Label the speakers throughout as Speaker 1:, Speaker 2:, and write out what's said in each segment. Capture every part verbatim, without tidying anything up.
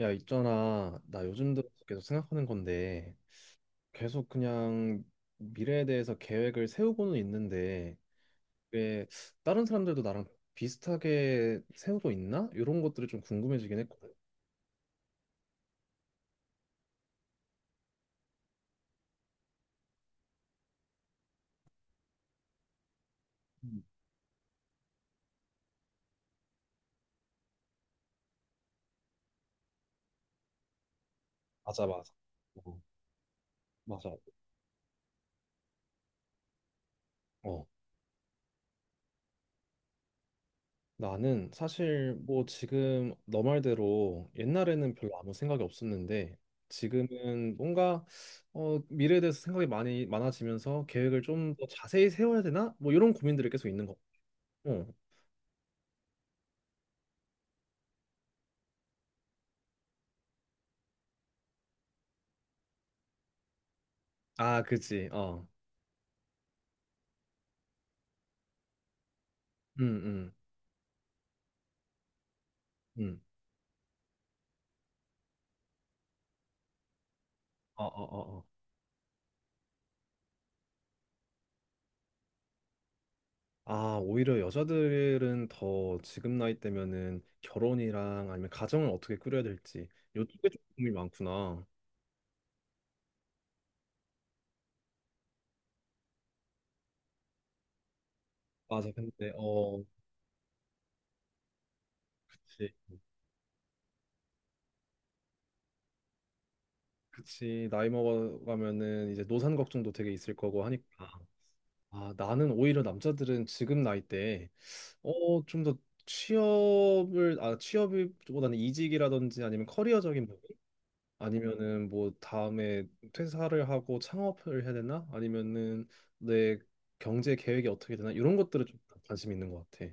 Speaker 1: 야, 있잖아. 나 요즘 들어 계속 생각하는 건데, 계속 그냥 미래에 대해서 계획을 세우고는 있는데, 왜 다른 사람들도 나랑 비슷하게 세우고 있나? 이런 것들이 좀 궁금해지긴 했거든. 음, 맞아, 맞아. 어, 맞아. 어, 나는 사실 뭐 지금 너 말대로 옛날에는 별로 아무 생각이 없었는데, 지금은 뭔가 어, 미래에 대해서 생각이 많이 많아지면서 계획을 좀 더 자세히 세워야 되나? 뭐 이런 고민들이 계속 있는 거. 어. 아, 그치. 어. 응응응 어, 어, 어, 어. 아, 오히려 여자들은 더 지금 나이 때면은 결혼이랑 아니면 가정을 어떻게 꾸려야 될지 요쪽에 좀 고민이 많구나. 맞아. 근데 어, 그치. 그치. 나이 먹어가면은 이제 노산 걱정도 되게 있을 거고 하니까. 아, 나는 오히려 남자들은 지금 나이 때 어, 좀 더 취업을 아, 취업보다는 이직이라든지 아니면 커리어적인 부분 아니면은 뭐 다음에 퇴사를 하고 창업을 해야 되나? 아니면은 내 경제 계획이 어떻게 되나? 이런 것들을 좀 관심 있는 것 같아.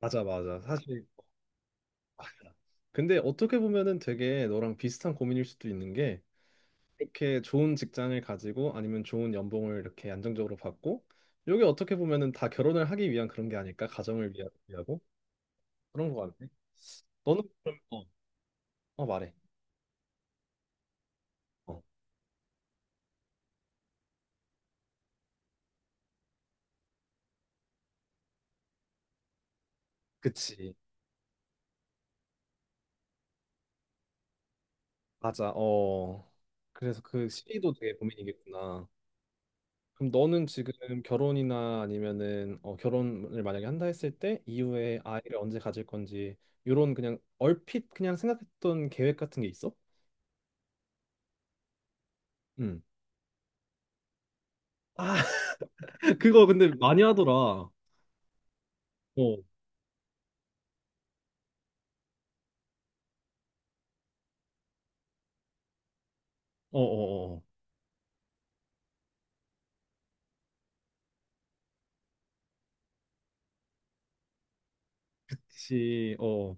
Speaker 1: 맞아, 맞아. 사실 근데 어떻게 보면은 되게 너랑 비슷한 고민일 수도 있는 게 이렇게 좋은 직장을 가지고 아니면 좋은 연봉을 이렇게 안정적으로 받고 이게 어떻게 보면은 다 결혼을 하기 위한 그런 게 아닐까? 가정을 위하- 위하고 그런 것 같네. 너는 그럼 어, 어 말해. 어, 그치. 맞아. 어. 그래서 그 시기도 되게 고민이겠구나. 그럼 너는 지금 결혼이나 아니면은 어, 결혼을 만약에 한다 했을 때 이후에 아이를 언제 가질 건지 이런 그냥 얼핏 그냥 생각했던 계획 같은 게 있어? 응. 아, 그거 근데 많이 하더라. 어, 어, 어, 어. 어. 혹시 어,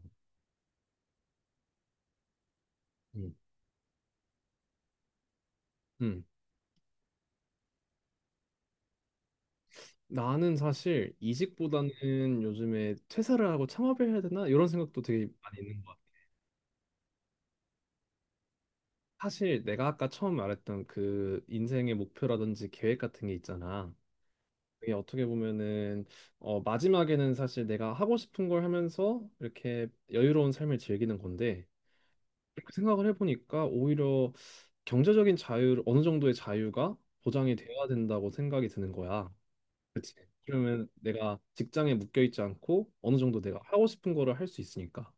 Speaker 1: 음. 음. 나는 사실 이직보다는 요즘에 퇴사를 하고 창업을 해야 되나 이런 생각도 되게 많이 있는 것 같아. 사실 내가 아까 처음 말했던 그 인생의 목표라든지 계획 같은 게 있잖아. 이게 어떻게 보면은 어, 마지막에는 사실 내가 하고 싶은 걸 하면서 이렇게 여유로운 삶을 즐기는 건데 그렇게 생각을 해보니까 오히려 경제적인 자유 어느 정도의 자유가 보장이 되어야 된다고 생각이 드는 거야. 그치? 그러면 내가 직장에 묶여 있지 않고 어느 정도 내가 하고 싶은 거를 할 수 있으니까.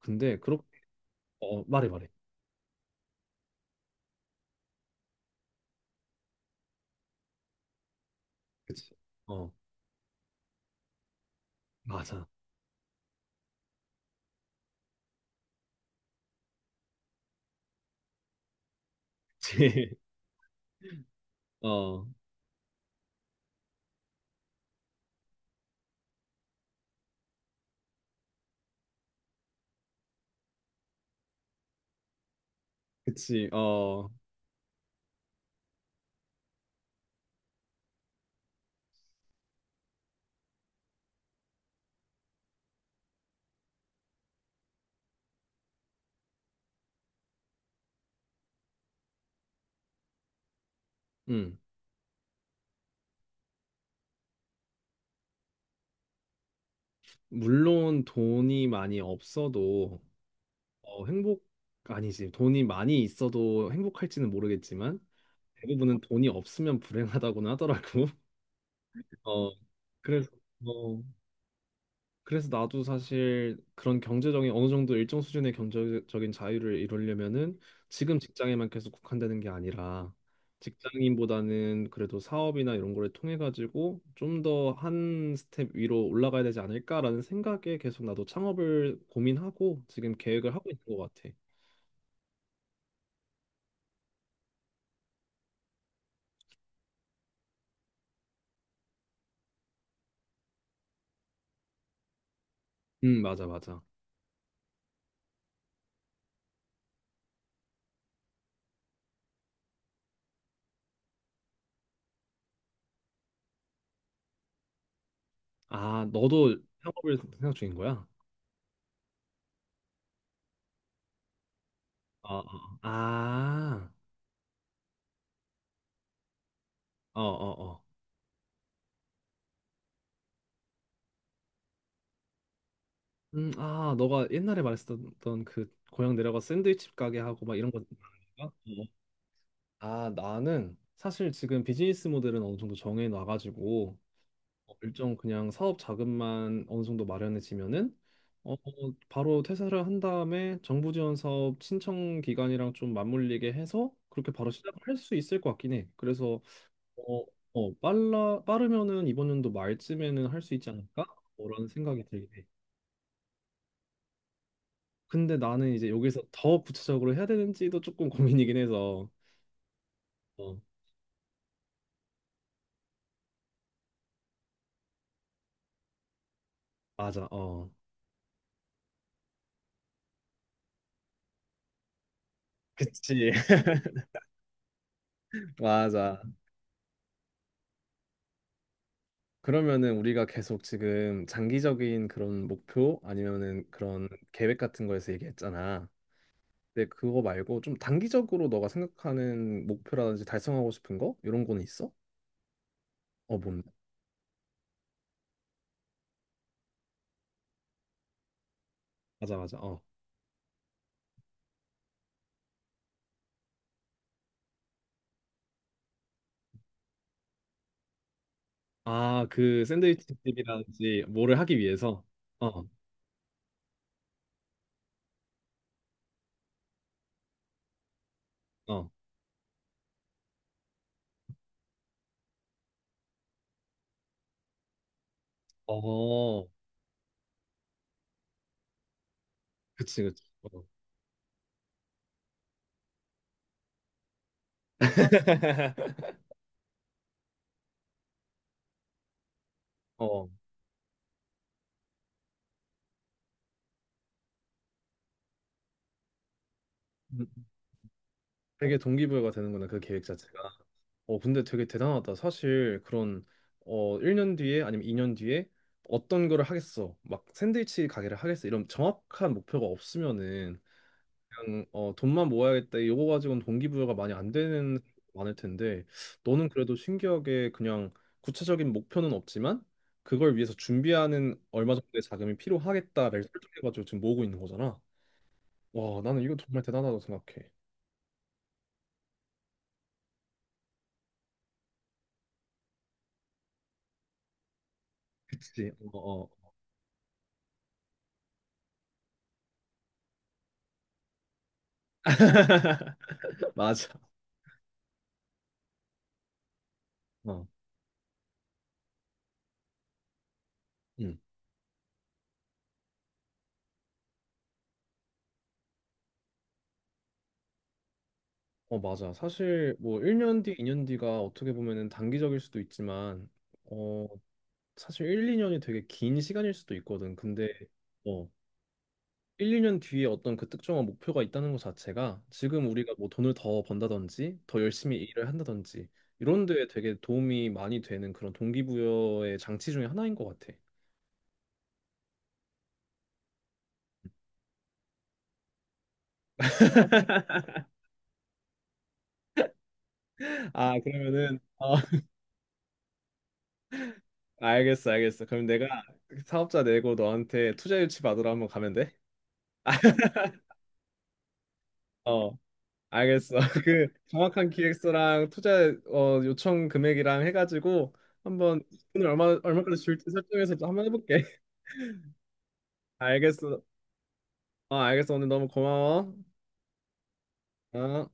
Speaker 1: 근데 그렇게 어 말해 말해. 그치? 어 맞아. 그치? 어 그치? 어 음. 물론 돈이 많이 없어도 어, 행복 아니지. 돈이 많이 있어도 행복할지는 모르겠지만 대부분은 돈이 없으면 불행하다고는 하더라고. 어, 그래서 어, 그래서 나도 사실 그런 경제적인 어느 정도 일정 수준의 경제적인 자유를 이루려면은 지금 직장에만 계속 국한되는 게 아니라 직장인보다는 그래도 사업이나 이런 거를 통해 가지고 좀 더 한 스텝 위로 올라가야 되지 않을까라는 생각에 계속 나도 창업을 고민하고 지금 계획을 하고 있는 것 같아. 음, 맞아, 맞아. 아, 너도 창업을 생각 중인 거야? 어, 어, 어. 아, 어, 어, 어. 음, 아, 너가 옛날에 말했었던 그 고향 내려가 샌드위치 가게 하고 막 이런 거. 말하는 건가? 어. 아, 나는 사실 지금 비즈니스 모델은 어느 정도 정해 놔가지고 어, 일정 그냥 사업 자금만 어느 정도 마련해지면은 어, 바로 퇴사를 한 다음에 정부 지원 사업 신청 기간이랑 좀 맞물리게 해서 그렇게 바로 시작을 할 수 있을 것 같긴 해. 그래서 어, 어, 빨라, 빠르면은 이번 연도 말쯤에는 할 수 있지 않을까? 라는 생각이 들긴 해. 근데 나는 이제 여기서 더 구체적으로 해야 되는지도 조금 고민이긴 해서. 어, 맞아, 어. 그치, 맞아. 그러면은 우리가 계속 지금 장기적인 그런 목표 아니면은 그런 계획 같은 거에서 얘기했잖아. 근데 그거 말고 좀 단기적으로 너가 생각하는 목표라든지 달성하고 싶은 거? 이런 거는 있어? 어, 뭔데? 맞아, 맞아, 어. 아, 그 샌드위치 집이라든지 뭐를 하기 위해서. 어, 어, 어, 그치, 그치. 어, 어. 음, 되게 동기부여가 되는구나, 그 계획 자체가. 어, 근데 되게 대단하다. 사실 그런 어, 일 년 뒤에 아니면 이 년 뒤에 어떤 거를 하겠어. 막 샌드위치 가게를 하겠어. 이런 정확한 목표가 없으면은 약간 어, 돈만 모아야겠다 이거 가지고는 동기부여가 많이 안 되는 사람도 많을 텐데 너는 그래도 신기하게 그냥 구체적인 목표는 없지만 그걸 위해서 준비하는 얼마 정도의 자금이 필요하겠다를 설정해가지고 지금 모으고 있는 거잖아. 와 나는 이거 정말 대단하다고 생각해. 그치? 어, 어. 맞아. 어, 응. 어, 맞아. 사실 뭐 일 년 뒤, 이 년 뒤가 어떻게 보면은 단기적일 수도 있지만 어, 사실 일, 이 년이 되게 긴 시간일 수도 있거든. 근데 어, 일, 이 년 뒤에 어떤 그 특정한 목표가 있다는 것 자체가 지금 우리가 뭐 돈을 더 번다든지 더 열심히 일을 한다든지 이런 데에 되게 도움이 많이 되는 그런 동기부여의 장치 중에 하나인 것 같아. 아, 그러면은 어, 알겠어, 알겠어. 그럼 내가 사업자 내고 너한테 투자 유치 받으러 한번 가면 돼? 어, 알겠어. 그 정확한 기획서랑 투자 어, 요청 금액이랑 해가지고 한번 돈을 얼마 얼마까지 줄지 설정해서 또 한번 해볼게. 알겠어. 어, 알겠어. 오늘 너무 고마워. 어.